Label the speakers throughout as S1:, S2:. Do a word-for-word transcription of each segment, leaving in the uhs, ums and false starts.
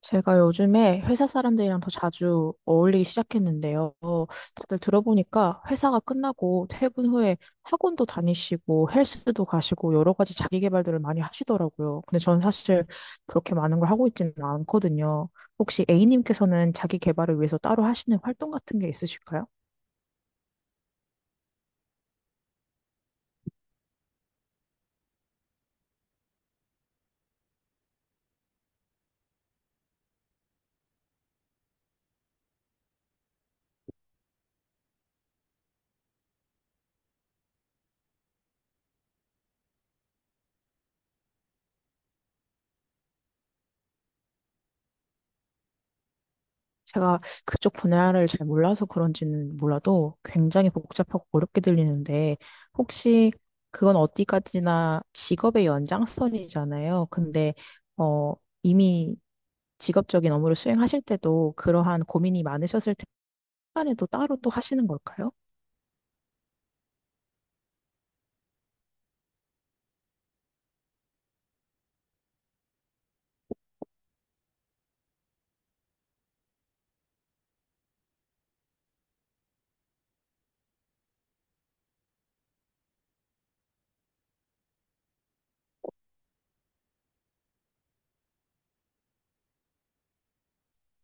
S1: 제가 요즘에 회사 사람들이랑 더 자주 어울리기 시작했는데요. 다들 들어보니까 회사가 끝나고 퇴근 후에 학원도 다니시고 헬스도 가시고 여러 가지 자기 개발들을 많이 하시더라고요. 근데 저는 사실 그렇게 많은 걸 하고 있지는 않거든요. 혹시 A님께서는 자기 개발을 위해서 따로 하시는 활동 같은 게 있으실까요? 제가 그쪽 분야를 잘 몰라서 그런지는 몰라도 굉장히 복잡하고 어렵게 들리는데 혹시 그건 어디까지나 직업의 연장선이잖아요. 근데 어 이미 직업적인 업무를 수행하실 때도 그러한 고민이 많으셨을 때 시간에도 따로 또 하시는 걸까요?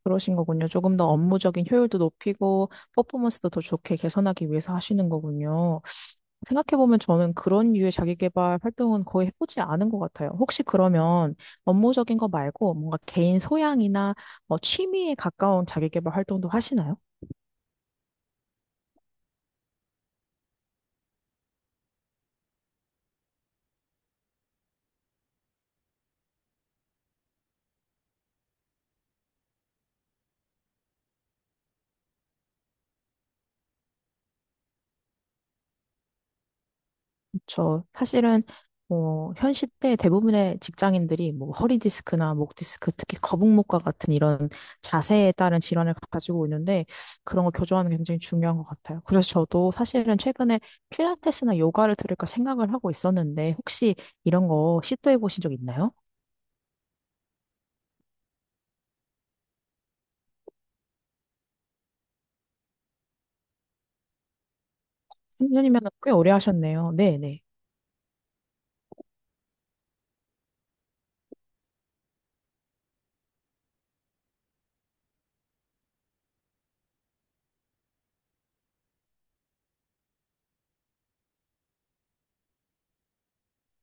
S1: 그러신 거군요. 조금 더 업무적인 효율도 높이고 퍼포먼스도 더 좋게 개선하기 위해서 하시는 거군요. 생각해보면 저는 그런 류의 자기계발 활동은 거의 해보지 않은 것 같아요. 혹시 그러면 업무적인 거 말고 뭔가 개인 소양이나 뭐 취미에 가까운 자기계발 활동도 하시나요? 저 사실은 어, 현 시대 대부분의 직장인들이 뭐 허리 디스크나 목 디스크, 특히 거북목과 같은 이런 자세에 따른 질환을 가지고 있는데 그런 거 교정하는 게 굉장히 중요한 것 같아요. 그래서 저도 사실은 최근에 필라테스나 요가를 들을까 생각을 하고 있었는데 혹시 이런 거 시도해 보신 적 있나요? 삼 년이면 꽤 오래 하셨네요. 네, 네.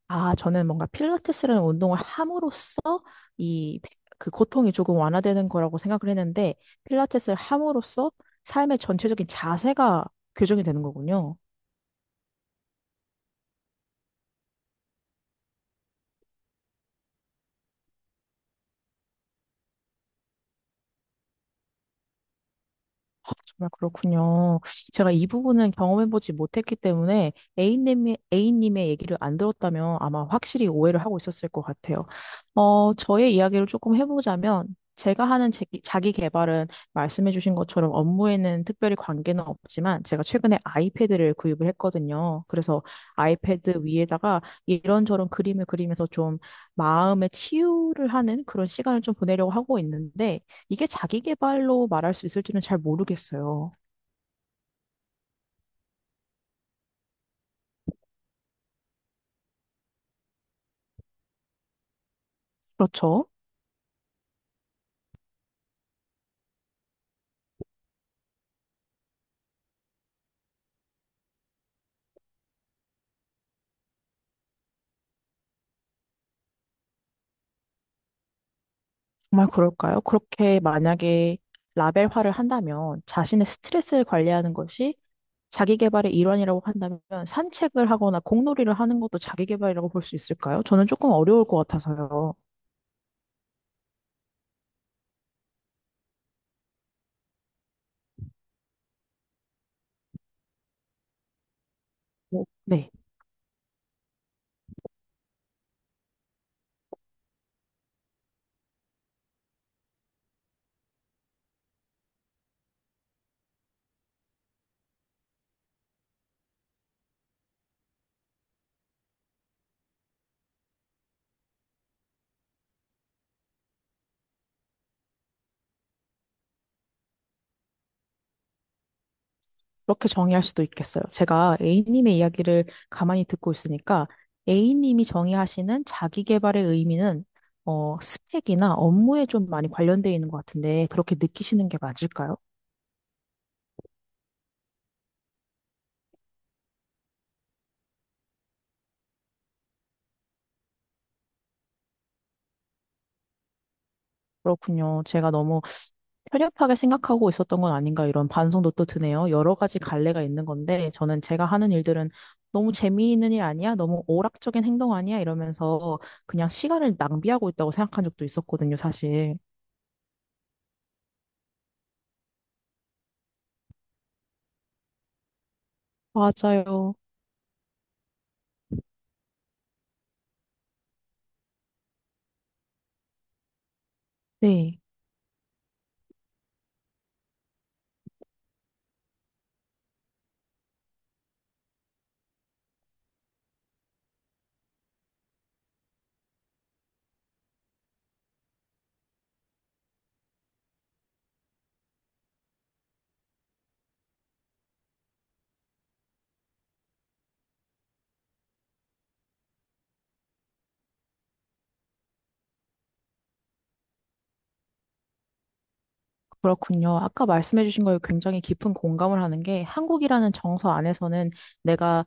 S1: 아, 저는 뭔가 필라테스라는 운동을 함으로써 이 그 고통이 조금 완화되는 거라고 생각을 했는데 필라테스를 함으로써 삶의 전체적인 자세가 교정이 되는 거군요. 아, 정말 그렇군요. 제가 이 부분은 경험해보지 못했기 때문에 A님의, A님의 얘기를 안 들었다면 아마 확실히 오해를 하고 있었을 것 같아요. 어, 저의 이야기를 조금 해보자면 제가 하는 제- 자기 개발은 말씀해주신 것처럼 업무에는 특별히 관계는 없지만 제가 최근에 아이패드를 구입을 했거든요. 그래서 아이패드 위에다가 이런저런 그림을 그리면서 좀 마음의 치유를 하는 그런 시간을 좀 보내려고 하고 있는데 이게 자기 개발로 말할 수 있을지는 잘 모르겠어요. 그렇죠? 정말 그럴까요? 그렇게 만약에 라벨화를 한다면 자신의 스트레스를 관리하는 것이 자기 개발의 일환이라고 한다면 산책을 하거나 공놀이를 하는 것도 자기 개발이라고 볼 수 있을까요? 저는 조금 어려울 것 같아서요. 오, 네. 그렇게 정의할 수도 있겠어요. 제가 A님의 이야기를 가만히 듣고 있으니까 A님이 정의하시는 자기 개발의 의미는 어, 스펙이나 업무에 좀 많이 관련되어 있는 것 같은데 그렇게 느끼시는 게 맞을까요? 그렇군요. 제가 너무 편협하게 생각하고 있었던 건 아닌가 이런 반성도 또 드네요. 여러 가지 갈래가 있는 건데 저는 제가 하는 일들은 너무 재미있는 일 아니야? 너무 오락적인 행동 아니야? 이러면서 그냥 시간을 낭비하고 있다고 생각한 적도 있었거든요, 사실. 맞아요. 네. 그렇군요. 아까 말씀해주신 거에 굉장히 깊은 공감을 하는 게 한국이라는 정서 안에서는 내가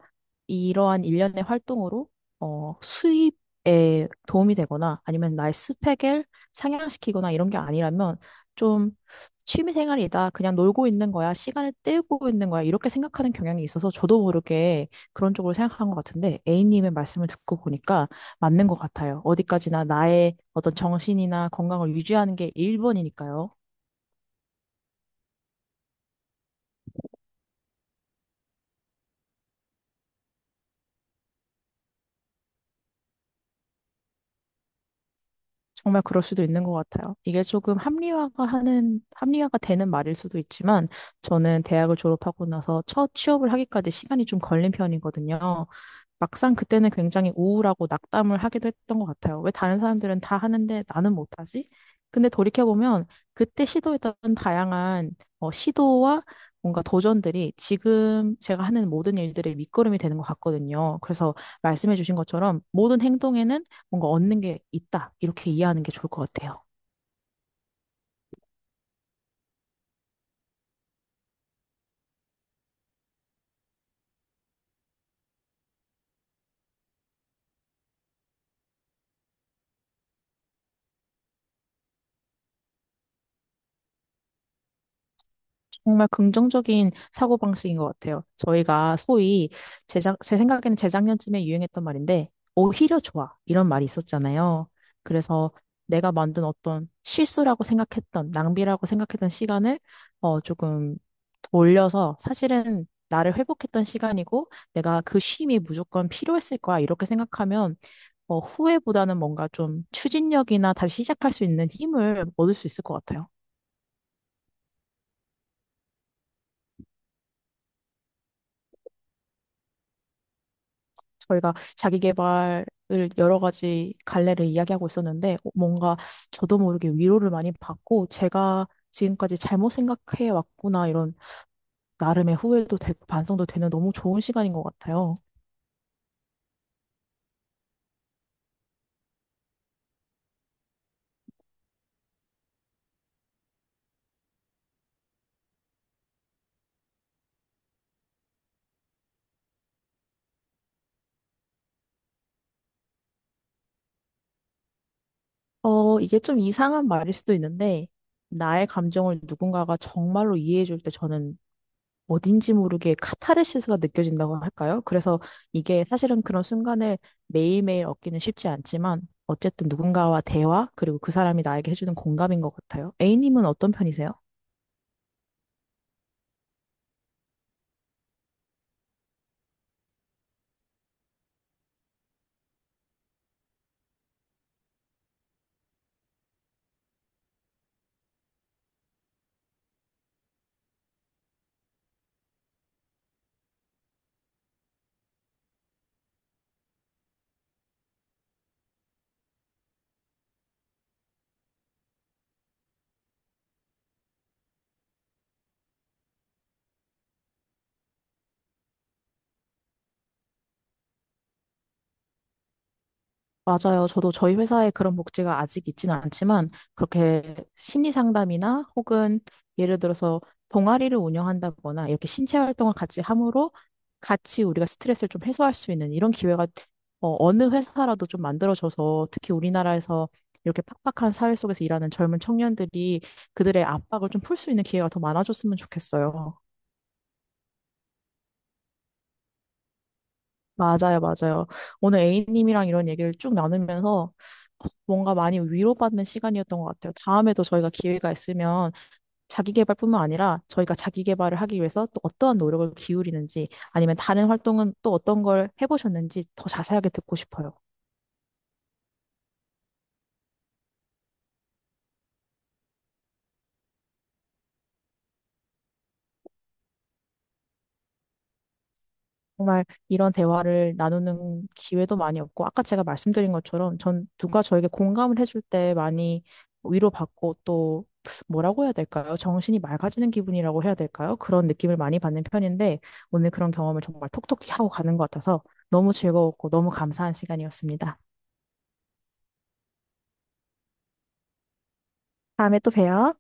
S1: 이러한 일련의 활동으로 어, 수입에 도움이 되거나 아니면 나의 스펙을 상향시키거나 이런 게 아니라면 좀 취미 생활이다. 그냥 놀고 있는 거야. 시간을 때우고 있는 거야. 이렇게 생각하는 경향이 있어서 저도 모르게 그런 쪽으로 생각한 것 같은데 A님의 말씀을 듣고 보니까 맞는 것 같아요. 어디까지나 나의 어떤 정신이나 건강을 유지하는 게 일 번이니까요. 정말 그럴 수도 있는 것 같아요. 이게 조금 합리화가 하는, 합리화가 되는 말일 수도 있지만, 저는 대학을 졸업하고 나서 첫 취업을 하기까지 시간이 좀 걸린 편이거든요. 막상 그때는 굉장히 우울하고 낙담을 하기도 했던 것 같아요. 왜 다른 사람들은 다 하는데 나는 못하지? 근데 돌이켜보면, 그때 시도했던 다양한 어, 시도와 뭔가 도전들이 지금 제가 하는 모든 일들의 밑거름이 되는 것 같거든요. 그래서 말씀해주신 것처럼 모든 행동에는 뭔가 얻는 게 있다. 이렇게 이해하는 게 좋을 것 같아요. 정말 긍정적인 사고방식인 것 같아요. 저희가 소위 제작 제 생각에는 재작년쯤에 유행했던 말인데, 오히려 좋아. 이런 말이 있었잖아요. 그래서 내가 만든 어떤 실수라고 생각했던, 낭비라고 생각했던 시간을 어, 조금 돌려서 사실은 나를 회복했던 시간이고, 내가 그 쉼이 무조건 필요했을 거야. 이렇게 생각하면 어, 후회보다는 뭔가 좀 추진력이나 다시 시작할 수 있는 힘을 얻을 수 있을 것 같아요. 저희가 자기계발을 여러 가지 갈래를 이야기하고 있었는데 뭔가 저도 모르게 위로를 많이 받고 제가 지금까지 잘못 생각해 왔구나 이런 나름의 후회도 되고 반성도 되는 너무 좋은 시간인 것 같아요. 어, 이게 좀 이상한 말일 수도 있는데 나의 감정을 누군가가 정말로 이해해 줄 때 저는 어딘지 모르게 카타르시스가 느껴진다고 할까요? 그래서 이게 사실은 그런 순간을 매일매일 얻기는 쉽지 않지만 어쨌든 누군가와 대화, 그리고 그 사람이 나에게 해주는 공감인 것 같아요. A님은 어떤 편이세요? 맞아요. 저도 저희 회사에 그런 복지가 아직 있지는 않지만 그렇게 심리 상담이나 혹은 예를 들어서 동아리를 운영한다거나 이렇게 신체 활동을 같이 함으로 같이 우리가 스트레스를 좀 해소할 수 있는 이런 기회가 어, 어느 회사라도 좀 만들어져서 특히 우리나라에서 이렇게 팍팍한 사회 속에서 일하는 젊은 청년들이 그들의 압박을 좀 풀 수 있는 기회가 더 많아졌으면 좋겠어요. 맞아요, 맞아요. 오늘 A님이랑 이런 얘기를 쭉 나누면서 뭔가 많이 위로받는 시간이었던 것 같아요. 다음에도 저희가 기회가 있으면 자기 개발뿐만 아니라 저희가 자기 개발을 하기 위해서 또 어떠한 노력을 기울이는지 아니면 다른 활동은 또 어떤 걸 해보셨는지 더 자세하게 듣고 싶어요. 정말 이런 대화를 나누는 기회도 많이 없고, 아까 제가 말씀드린 것처럼 전 누가 저에게 공감을 해줄 때 많이 위로받고 또 뭐라고 해야 될까요? 정신이 맑아지는 기분이라고 해야 될까요? 그런 느낌을 많이 받는 편인데, 오늘 그런 경험을 정말 톡톡히 하고 가는 것 같아서 너무 즐거웠고 너무 감사한 시간이었습니다. 다음에 또 봬요.